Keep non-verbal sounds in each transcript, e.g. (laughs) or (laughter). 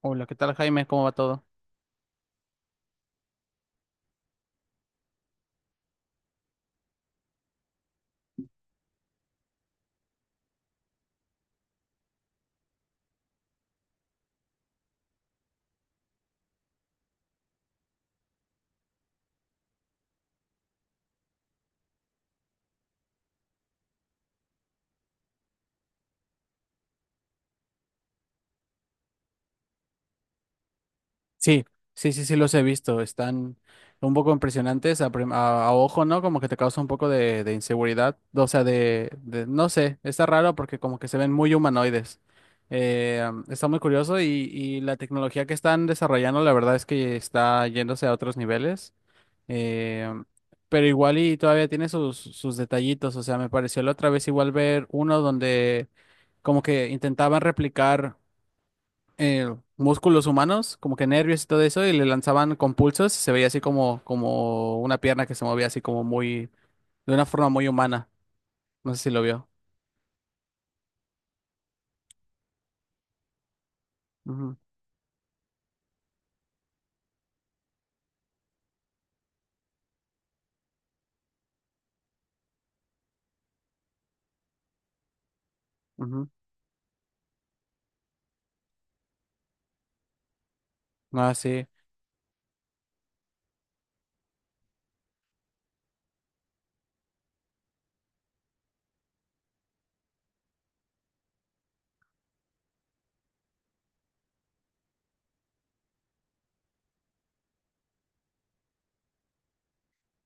Hola, ¿qué tal, Jaime? ¿Cómo va todo? Sí, sí, sí, sí, los he visto. Están un poco impresionantes a ojo, ¿no? Como que te causa un poco de inseguridad. O sea, no sé, está raro porque como que se ven muy humanoides. Está muy curioso y, la tecnología que están desarrollando, la verdad es que está yéndose a otros niveles. Eh, pero igual y todavía tiene sus detallitos. O sea, me pareció la otra vez igual ver uno donde como que intentaban replicar músculos humanos, como que nervios y todo eso, y le lanzaban con pulsos y se veía así como una pierna que se movía así como de una forma muy humana. No sé si lo vio. Ujú, ujú. Ah, sí.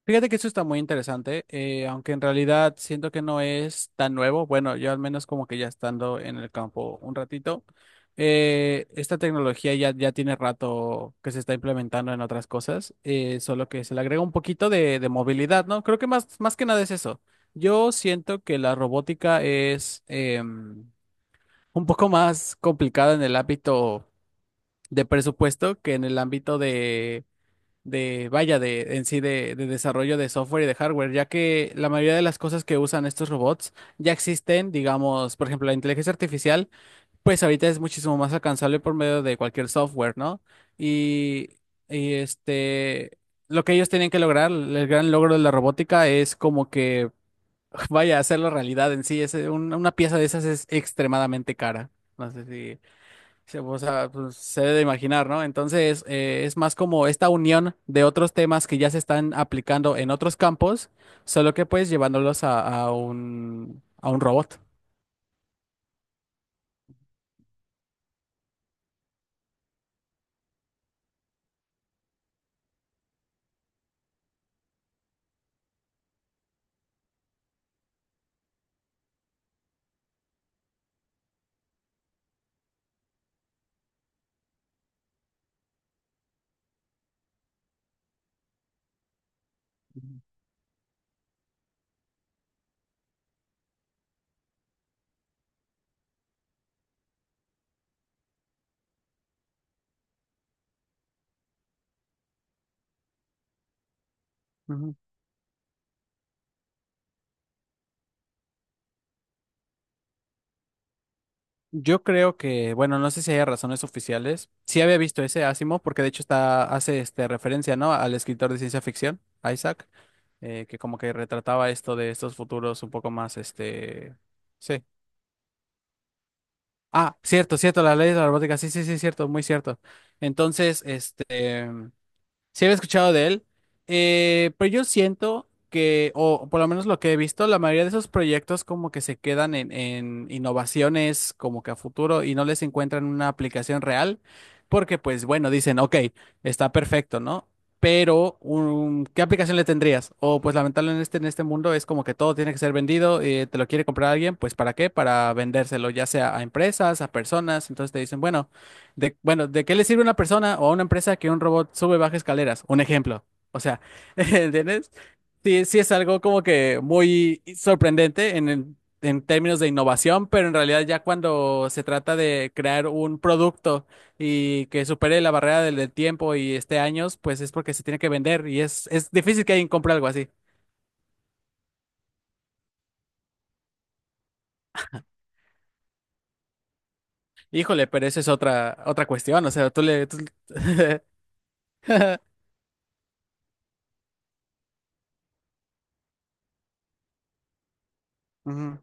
Fíjate que eso está muy interesante, aunque en realidad siento que no es tan nuevo. Bueno, yo al menos como que ya estando en el campo un ratito, esta tecnología ya, tiene rato que se está implementando en otras cosas, solo que se le agrega un poquito de movilidad, ¿no? Creo que más que nada es eso. Yo siento que la robótica es un poco más complicada en el ámbito de presupuesto que en el ámbito de, vaya, de en sí de desarrollo de software y de hardware, ya que la mayoría de las cosas que usan estos robots ya existen, digamos, por ejemplo, la inteligencia artificial, pues ahorita es muchísimo más alcanzable por medio de cualquier software, ¿no? Y, y lo que ellos tienen que lograr, el gran logro de la robótica es como que, (laughs) vaya, hacerlo realidad en sí, es una pieza de esas es extremadamente cara. No sé si o sea, pues, se debe de imaginar, ¿no? Entonces, es más como esta unión de otros temas que ya se están aplicando en otros campos, solo que pues llevándolos a un robot. Ujú. Ujú. Yo creo que, bueno, no sé si hay razones oficiales. Sí había visto ese Asimov, porque de hecho hace referencia, ¿no? Al escritor de ciencia ficción, Isaac, que como que retrataba esto de estos futuros un poco más, sí. Ah, cierto, cierto, la ley de la robótica, sí, sí, sí, cierto, muy cierto. Entonces, sí había escuchado de él, pero yo siento que, o por lo menos lo que he visto, la mayoría de esos proyectos como que se quedan en, innovaciones como que a futuro y no les encuentran una aplicación real, porque pues bueno, dicen, ok, está perfecto, ¿no? Pero, ¿qué aplicación le tendrías? O pues lamentablemente en este mundo es como que todo tiene que ser vendido, te lo quiere comprar alguien, pues ¿para qué? Para vendérselo, ya sea a empresas, a personas, entonces te dicen, bueno. Bueno, ¿de qué le sirve a una persona o a una empresa que un robot sube y baja escaleras? Un ejemplo. O sea, (laughs) ¿entiendes? Sí, sí es algo como que muy sorprendente en términos de innovación, pero en realidad ya cuando se trata de crear un producto y que supere la barrera del, tiempo y esté años, pues es porque se tiene que vender y es, difícil que alguien compre algo así. Híjole, pero eso es otra cuestión. O sea, tú le, tú- (laughs) Ujú,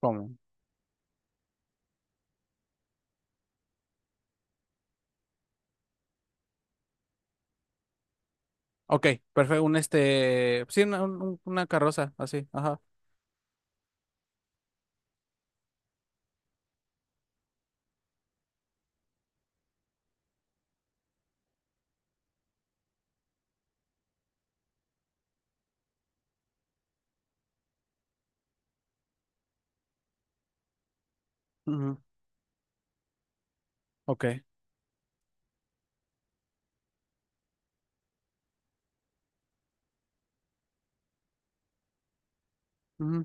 ¿Cómo? Ok, perfecto. Un este. Sí, una carroza, así. Ajá. Ujú, Ok. Ujú,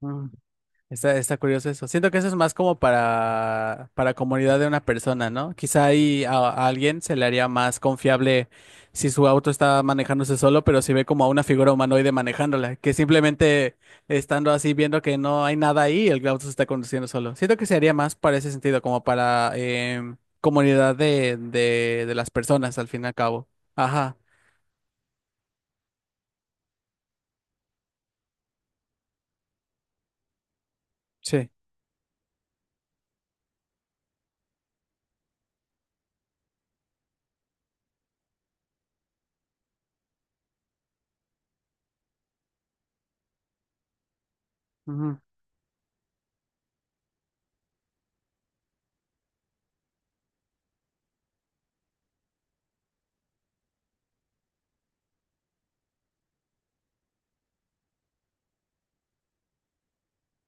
ujú. Está curioso eso. Siento que eso es más como para, comunidad de una persona, ¿no? Quizá ahí a alguien se le haría más confiable si su auto está manejándose solo, pero si ve como a una figura humanoide manejándola, que simplemente estando así viendo que no hay nada ahí, el auto se está conduciendo solo. Siento que se haría más para ese sentido, como para comunidad de, las personas al fin y al cabo. Ajá. Sí, ujú,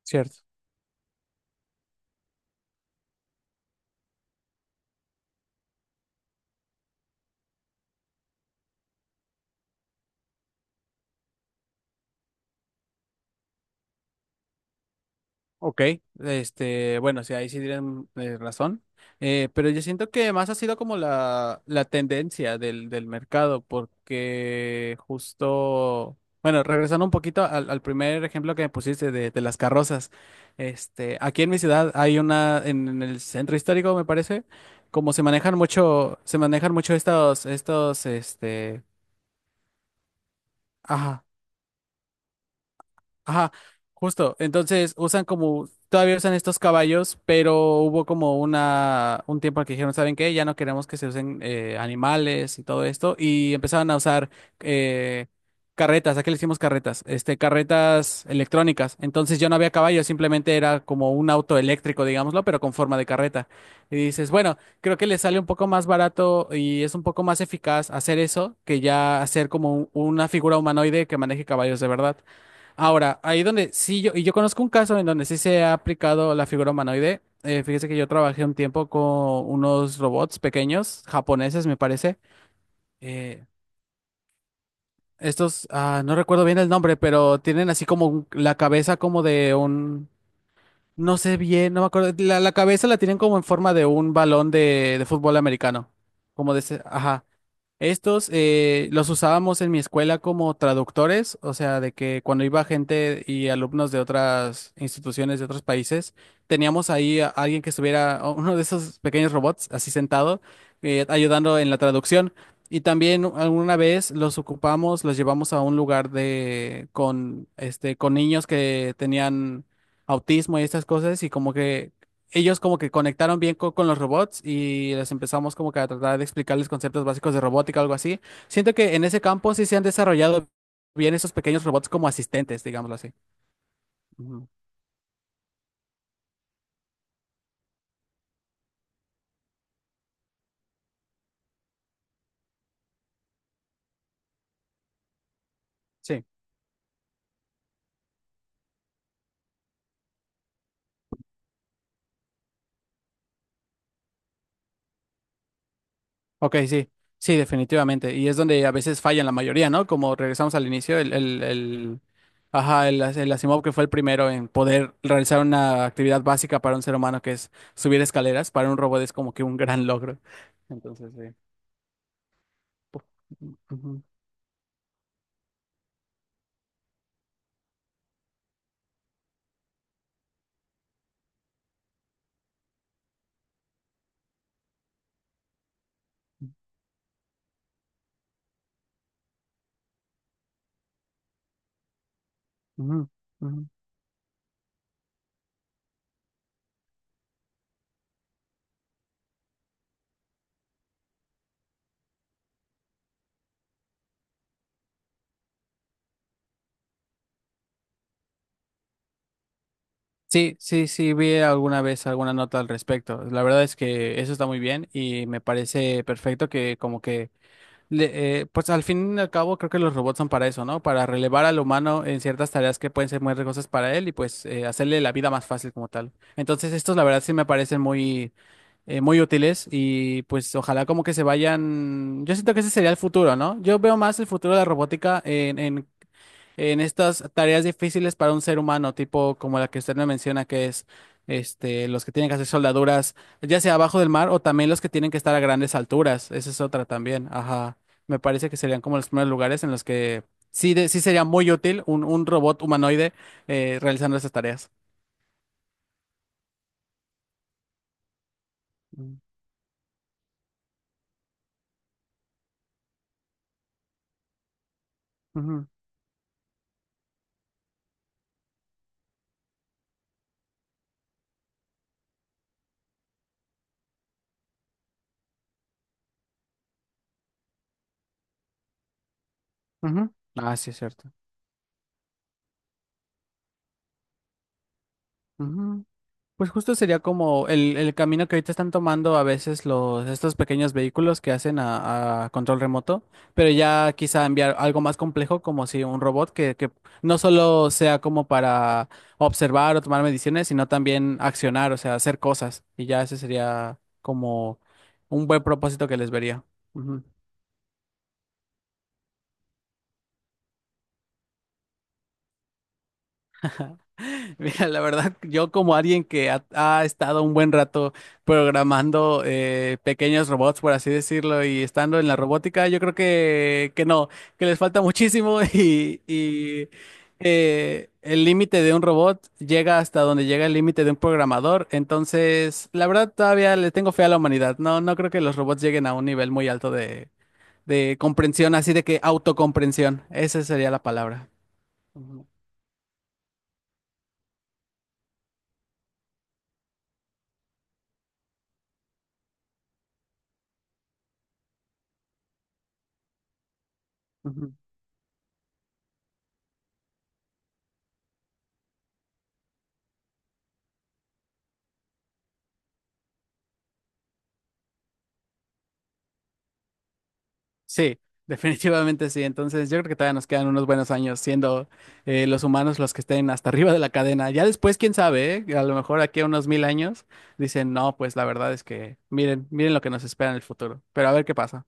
cierto. Ok, bueno, sí, ahí sí tienen razón. Pero yo siento que más ha sido como la, tendencia del mercado, porque justo, bueno, regresando un poquito al, primer ejemplo que me pusiste de las carrozas, aquí en mi ciudad hay una, en el centro histórico, me parece, como se manejan mucho estos, ajá, Ajá, justo. Entonces usan como, todavía usan estos caballos, pero hubo como un tiempo en que dijeron, ¿saben qué? Ya no queremos que se usen animales y todo esto. Y empezaron a usar eh, carretas, ¿a qué le hicimos carretas? Carretas electrónicas. Entonces ya no había caballos, simplemente era como un auto eléctrico, digámoslo, pero con forma de carreta. Y dices, bueno, creo que les sale un poco más barato y es un poco más eficaz hacer eso que ya hacer como una figura humanoide que maneje caballos de verdad. Ahora, ahí donde sí yo conozco un caso en donde sí se ha aplicado la figura humanoide. Fíjese que yo trabajé un tiempo con unos robots pequeños, japoneses me parece. Eh, no recuerdo bien el nombre, pero tienen así como la cabeza como de no sé bien, no me acuerdo. La cabeza la tienen como en forma de un balón de fútbol americano. Como de ese, ajá. Estos los usábamos en mi escuela como traductores, o sea, de que cuando iba gente y alumnos de otras instituciones, de otros países, teníamos ahí a alguien que estuviera, a uno de esos pequeños robots, así sentado, ayudando en la traducción. Y también alguna vez los ocupamos, los llevamos a un lugar con niños que tenían autismo y estas cosas y como que ellos como que conectaron bien con los robots y les empezamos como que a tratar de explicarles conceptos básicos de robótica o algo así. Siento que en ese campo sí se han desarrollado bien esos pequeños robots como asistentes, digámoslo así. Ujú. Sí, ok, sí, sí, definitivamente. Y es donde a veces fallan la mayoría, ¿no? Como regresamos al inicio, ajá, el Asimov que fue el primero en poder realizar una actividad básica para un ser humano que es subir escaleras, para un robot es como que un gran logro. Entonces, sí. Ujú, ujú, ujú. Sí, sí, sí, vi alguna vez alguna nota al respecto. La verdad es que eso está muy bien y me parece perfecto que como que, pues al fin y al cabo creo que los robots son para eso, ¿no? Para relevar al humano en ciertas tareas que pueden ser muy riesgosas para él y pues hacerle la vida más fácil como tal. Entonces estos la verdad sí me parecen muy, muy útiles y pues ojalá como que se vayan, yo siento que ese sería el futuro, ¿no? Yo veo más el futuro de la robótica en estas tareas difíciles para un ser humano, tipo como la que usted me menciona, que es los que tienen que hacer soldaduras, ya sea abajo del mar o también los que tienen que estar a grandes alturas. Esa es otra también. Ajá. Me parece que serían como los primeros lugares en los que sí, sí sería muy útil un, robot humanoide realizando esas tareas. Mm. Ujú, ujú. Ah, sí, es cierto. Pues justo sería como el, camino que ahorita están tomando a veces estos pequeños vehículos que hacen a, control remoto, pero ya quizá enviar algo más complejo, como si un robot que no solo sea como para observar o tomar mediciones, sino también accionar, o sea, hacer cosas. Y ya ese sería como un buen propósito que les vería. Ujú. (laughs) Mira, la verdad, yo como alguien que ha, estado un buen rato programando pequeños robots, por así decirlo, y estando en la robótica, yo creo que no, que les falta muchísimo (laughs) y el límite de un robot llega hasta donde llega el límite de un programador. Entonces, la verdad, todavía le tengo fe a la humanidad. No, no creo que los robots lleguen a un nivel muy alto de comprensión, así de que autocomprensión. Esa sería la palabra. Ujú. Ujú. Sí, (laughs) definitivamente sí. Entonces yo creo que todavía nos quedan unos buenos años siendo los humanos los que estén hasta arriba de la cadena. Ya después, quién sabe, ¿eh? A lo mejor aquí a unos mil años dicen, no, pues la verdad es que miren, miren lo que nos espera en el futuro. Pero a ver qué pasa.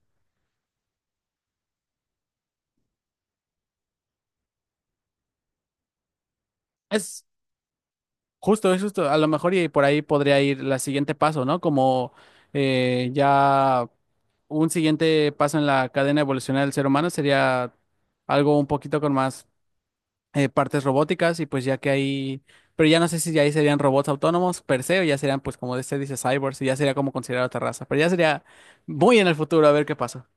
Es justo, es justo. A lo mejor y por ahí podría ir la siguiente paso, ¿no? Como ya un siguiente paso en la cadena evolucional del ser humano sería algo un poquito con más partes robóticas y pues ya que hay pero ya no sé si ya ahí serían robots autónomos per se o ya serían pues como se dice cyborgs y ya sería como considerar otra raza, pero ya sería muy en el futuro a ver qué pasa.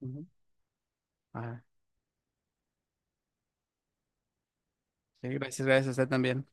Ujú. Ah, sí, gracias, gracias a usted también.